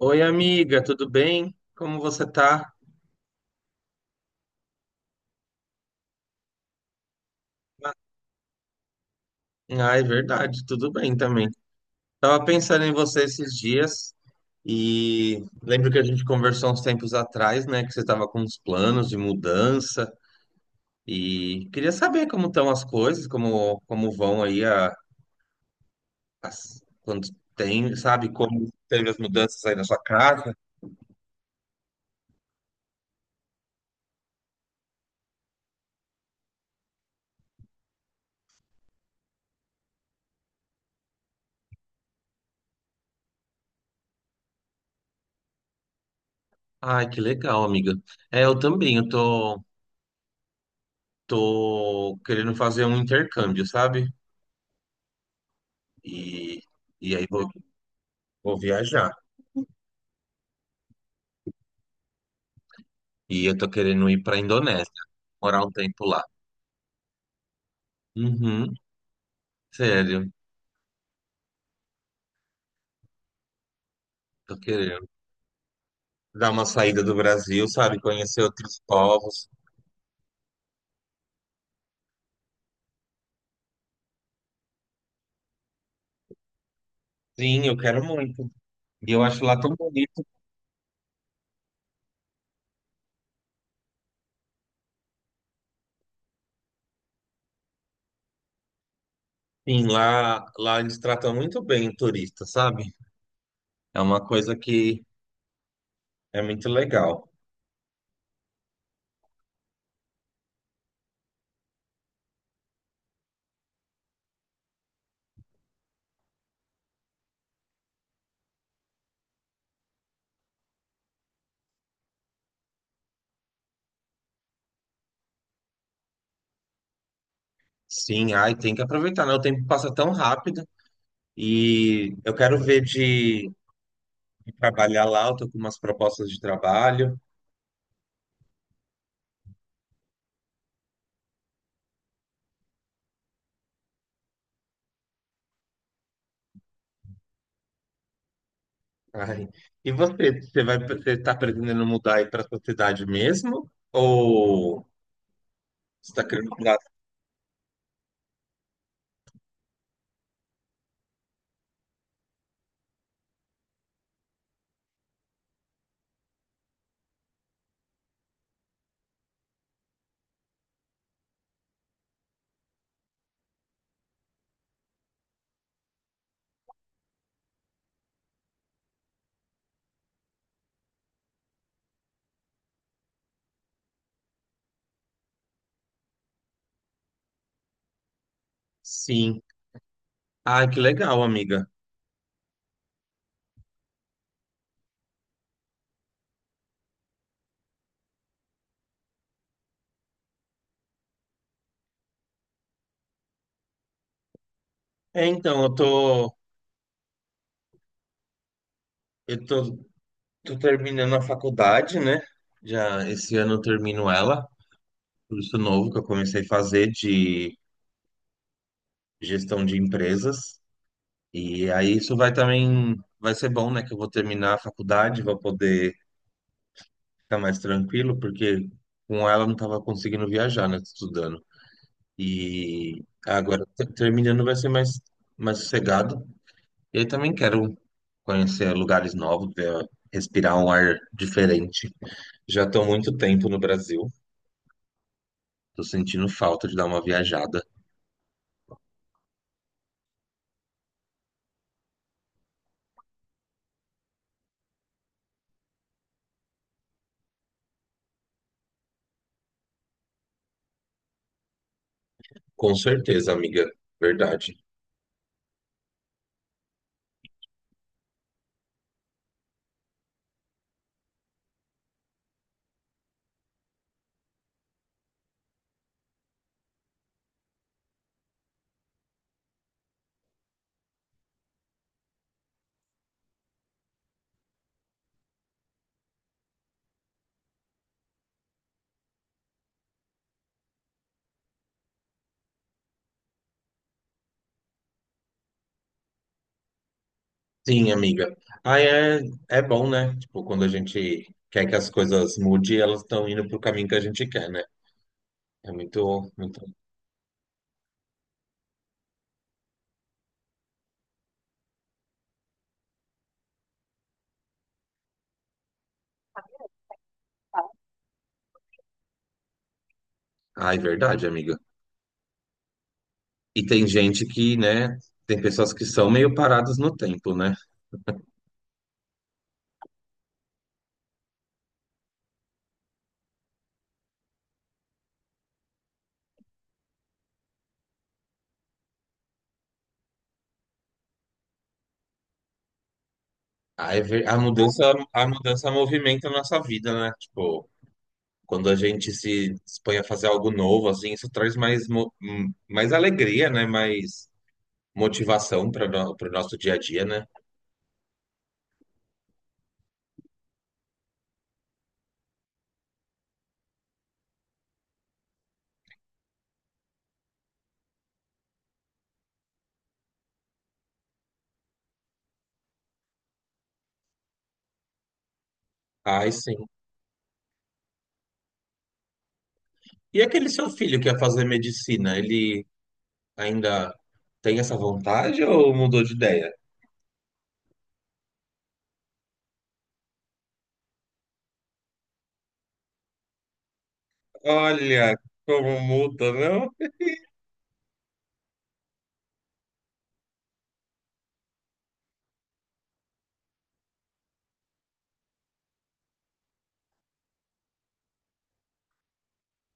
Oi, amiga, tudo bem? Como você tá? Ah, é verdade, tudo bem também. Tava pensando em você esses dias e lembro que a gente conversou uns tempos atrás, né, que você tava com uns planos de mudança e queria saber como estão as coisas, como vão aí a, as, quando tem, sabe, como teve as mudanças aí na sua casa. Ai, que legal, amiga. É, eu também, eu tô querendo fazer um intercâmbio, sabe? E e aí vou viajar. E eu tô querendo ir pra Indonésia, morar um tempo lá. Uhum, sério, tô querendo. Dar uma saída do Brasil, sabe? Conhecer outros povos. Sim, eu quero muito. E eu acho lá tão bonito. Sim, lá eles tratam muito bem o turista, sabe? É uma coisa que é muito legal. Sim, ai, tem que aproveitar, né? O tempo passa tão rápido. E eu quero ver de trabalhar lá, eu tô com umas propostas de trabalho. Ai. E você, você vai, você está pretendendo mudar aí para sua cidade mesmo? Ou você está querendo mudar? Sim. Ah, que legal, amiga. É, então, eu tô terminando a faculdade, né? Já esse ano eu termino ela, curso novo que eu comecei a fazer de gestão de empresas. E aí isso vai também, vai ser bom, né? Que eu vou terminar a faculdade, vou poder ficar mais tranquilo, porque com ela eu não estava conseguindo viajar, né? Estudando. E agora, terminando, vai ser mais, mais sossegado. E aí também quero conhecer lugares novos, respirar um ar diferente. Já estou há muito tempo no Brasil, estou sentindo falta de dar uma viajada. Com certeza, amiga, verdade. Sim, amiga. Ah, é, é bom, né? Tipo, quando a gente quer que as coisas mudem, elas estão indo pro caminho que a gente quer, né? É muito, muito... Ah, é verdade, amiga. E tem gente que, né, tem pessoas que são meio paradas no tempo, né? A mudança movimenta a nossa vida, né? Tipo, quando a gente se dispõe a fazer algo novo, assim, isso traz mais alegria, né? Mais motivação para o nosso dia a dia, né? Ai, sim. E aquele seu filho que ia fazer medicina, ele ainda tem essa vontade ou mudou de ideia? Olha como muda, não?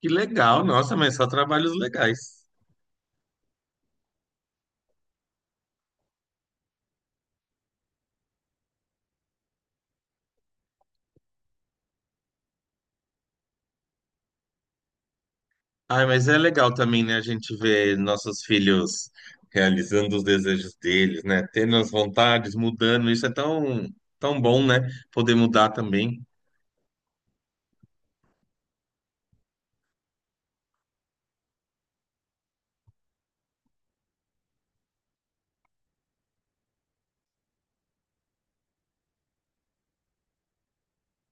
Que legal, nossa, mas só trabalhos legais. Ai, mas é legal também, né, a gente ver nossos filhos realizando os desejos deles, né, tendo as vontades, mudando, isso é tão, tão bom, né, poder mudar também.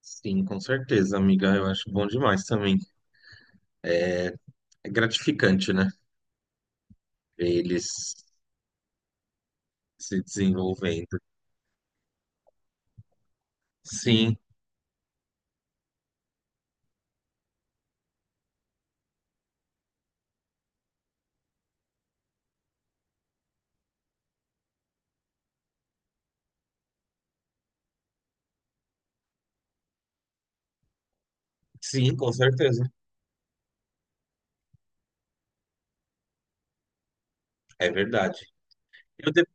Sim, com certeza, amiga, eu acho bom demais também. É gratificante, né, ver eles se desenvolvendo. Sim, sim, com certeza, é verdade. Eu de-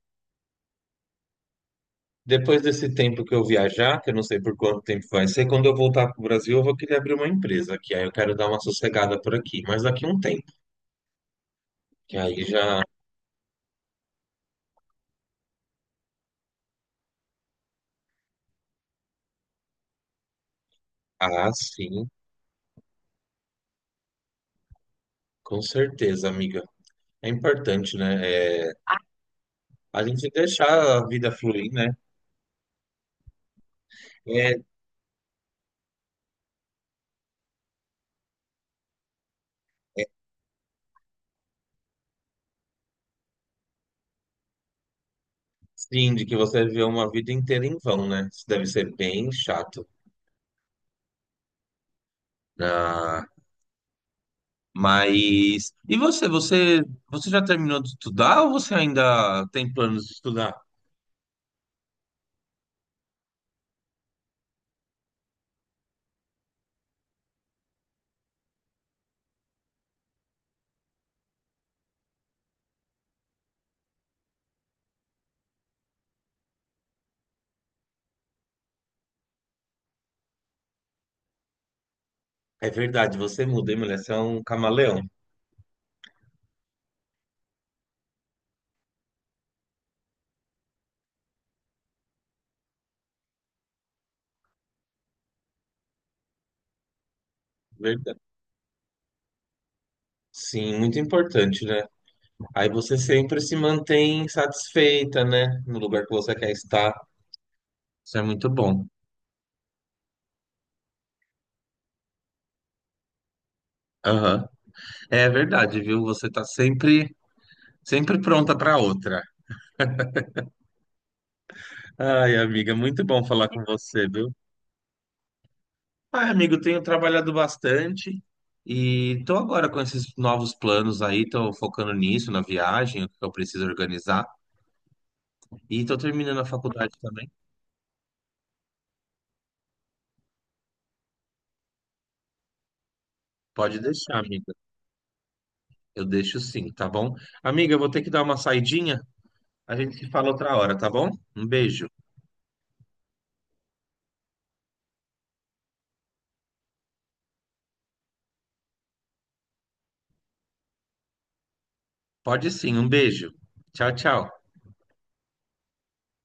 Depois desse tempo que eu viajar, que eu não sei por quanto tempo vai ser, quando eu voltar para o Brasil, eu vou querer abrir uma empresa aqui, aí eu quero dar uma sossegada por aqui, mas daqui a um tempo. Que aí já. Ah, sim, com certeza, amiga. É importante, né? É, a gente deixar a vida fluir, né? É sim, de que você viveu uma vida inteira em vão, né? Isso deve ser bem chato. Ah, mas. E você? Você, você já terminou de estudar ou você ainda tem planos de estudar? É verdade, você muda, hein, mulher? Você é um camaleão. Verdade. Sim, muito importante, né? Aí você sempre se mantém satisfeita, né? No lugar que você quer estar. Isso é muito bom. Aham. É verdade, viu? Você tá sempre, sempre pronta para outra. Ai, amiga, muito bom falar com você, viu? Ai, amigo, tenho trabalhado bastante e tô agora com esses novos planos aí, tô focando nisso, na viagem, o que eu preciso organizar e tô terminando a faculdade também. Pode deixar, amiga. Eu deixo sim, tá bom? Amiga, eu vou ter que dar uma saidinha. A gente se fala outra hora, tá bom? Um beijo. Pode sim, um beijo. Tchau, tchau.